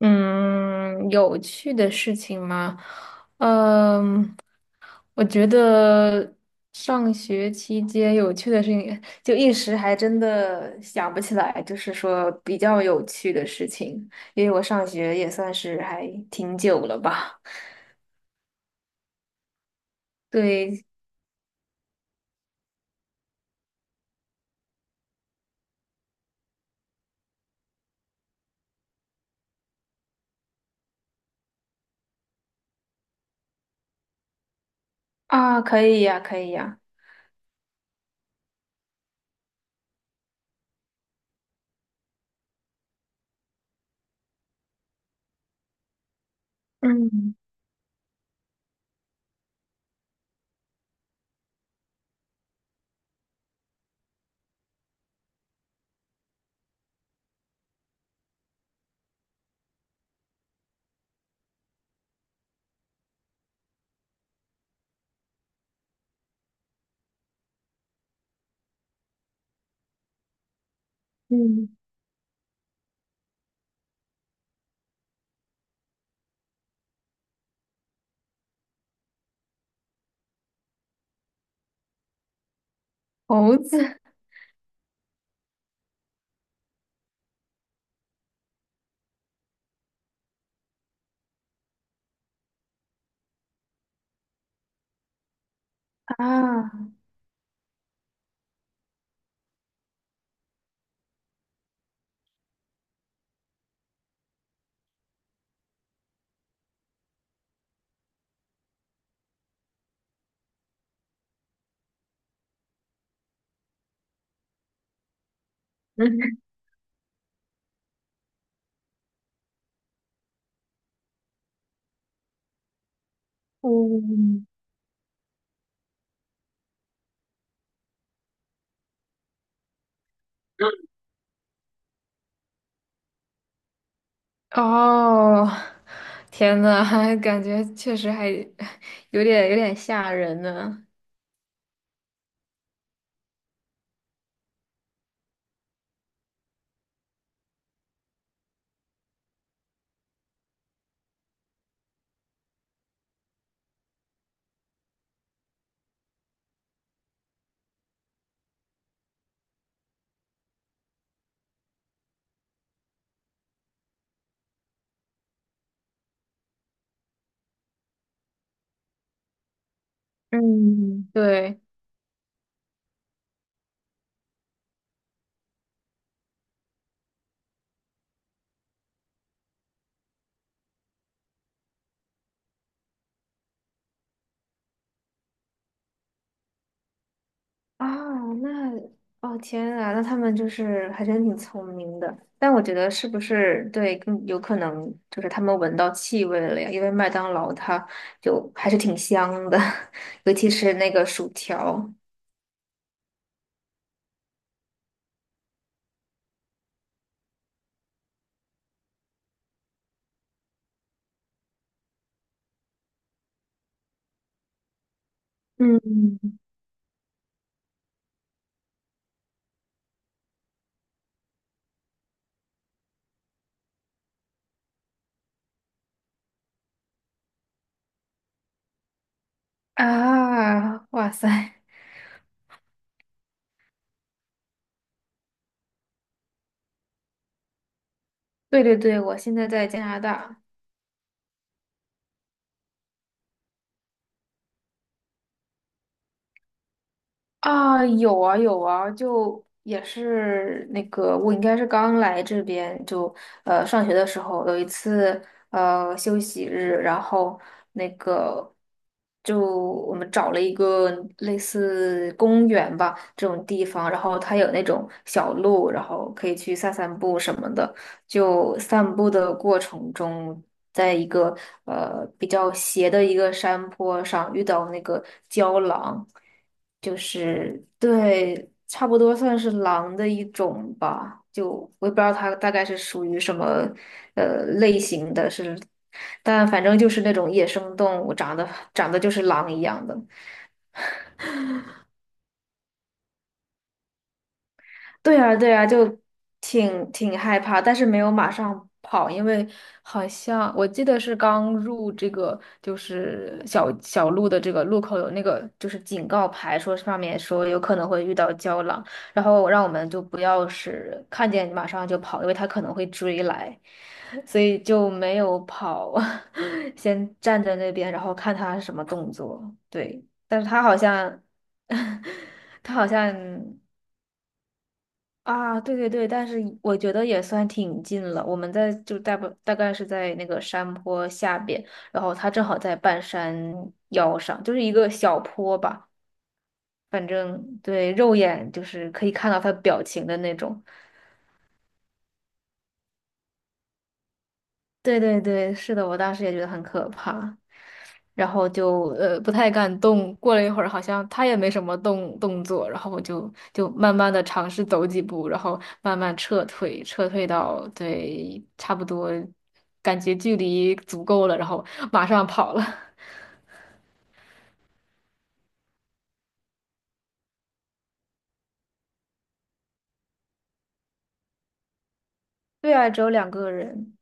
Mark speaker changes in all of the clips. Speaker 1: 嗯，有趣的事情吗？嗯，我觉得上学期间有趣的事情，就一时还真的想不起来，就是说比较有趣的事情，因为我上学也算是还挺久了吧。对啊，可以呀，可以呀。嗯嗯，猴子啊，嗯，嗯，哦，天呐，还感觉确实还 有点吓人呢。嗯，对啊，那哦天啊，那他们就是还真挺聪明的。但我觉得是不是对，更有可能就是他们闻到气味了呀？因为麦当劳它就还是挺香的，尤其是那个薯条嗯，啊！哇塞，对对对，我现在在加拿大。啊，有啊有啊，就也是那个，我应该是刚来这边，就上学的时候有一次休息日，然后那个就我们找了一个类似公园吧这种地方，然后它有那种小路，然后可以去散散步什么的。就散步的过程中，在一个比较斜的一个山坡上遇到那个郊狼。对，差不多算是狼的一种吧，就我也不知道它大概是属于什么类型的是，但反正就是那种野生动物，长得就是狼一样的。对呀，对呀，就挺害怕，但是没有马上跑，因为好像我记得是刚入这个就是小路的这个路口有那个就是警告牌，说上面说有可能会遇到胶囊，然后让我们就不要是看见马上就跑，因为他可能会追来，所以就没有跑，先站在那边，然后看他什么动作。对，但是他好像。他好像啊，对对对，但是我觉得也算挺近了。我们在就大不大概是在那个山坡下边，然后他正好在半山腰上，就是一个小坡吧。反正对，肉眼就是可以看到他表情的那种。对对对，是的，我当时也觉得很可怕。然后就不太敢动。过了一会儿，好像他也没什么动作，然后我就慢慢的尝试走几步，然后慢慢撤退，撤退到对差不多，感觉距离足够了，然后马上跑了。对啊，只有两个人。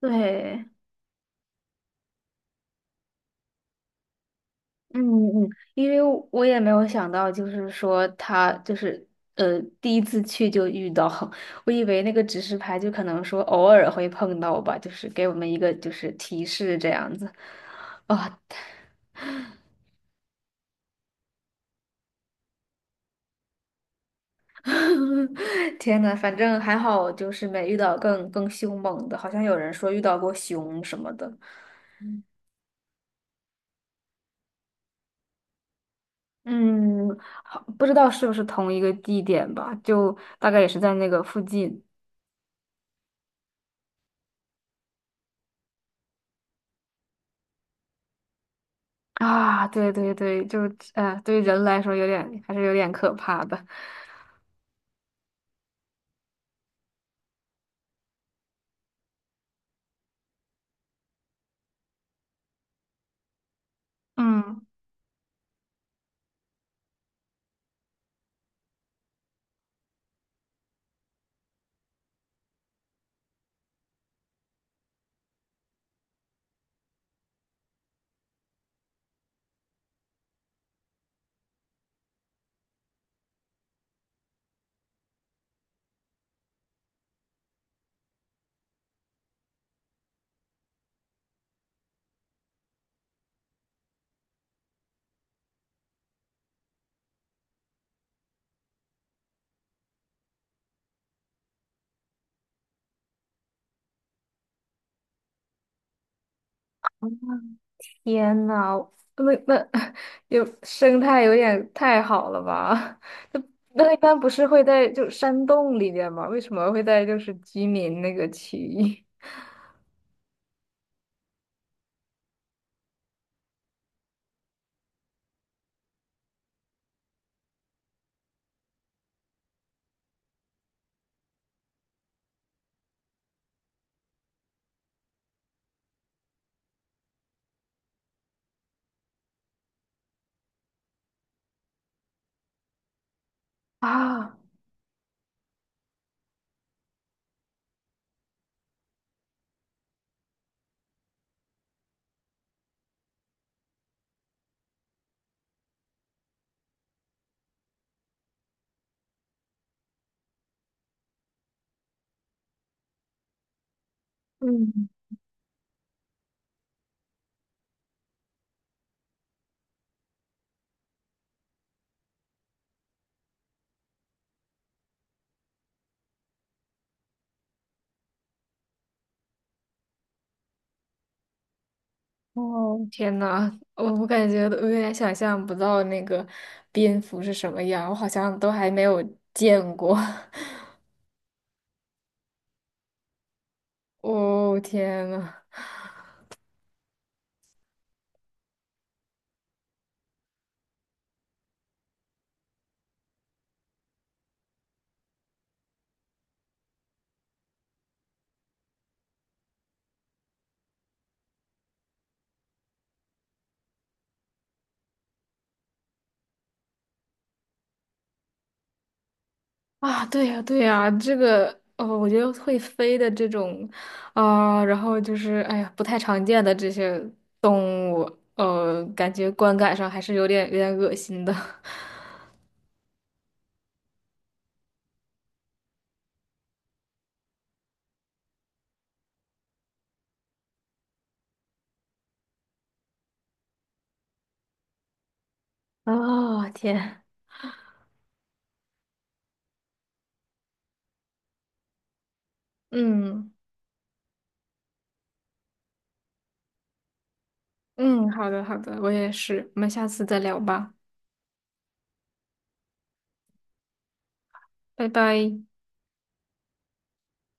Speaker 1: 对。嗯嗯，因为我也没有想到，就是说他就是第一次去就遇到，我以为那个指示牌就可能说偶尔会碰到吧，就是给我们一个就是提示这样子。啊、天呐，反正还好，就是没遇到更凶猛的，好像有人说遇到过熊什么的。嗯，好，不知道是不是同一个地点吧，就大概也是在那个附近。啊，对对对，就对于人来说还是有点可怕的。嗯，天呐，那那 有生态有点太好了吧？那一般不是会在就山洞里面吗？为什么会在就是居民那个区域 啊？嗯，哦，天呐，我感觉都有点想象不到那个蝙蝠是什么样，我好像都还没有见过。哦，天呐！啊，对呀，对呀，这个哦，我觉得会飞的这种，啊、然后就是哎呀，不太常见的这些动物，感觉观感上还是有点恶心的。哦，天，嗯嗯，好的好的，我也是，我们下次再聊吧，拜拜。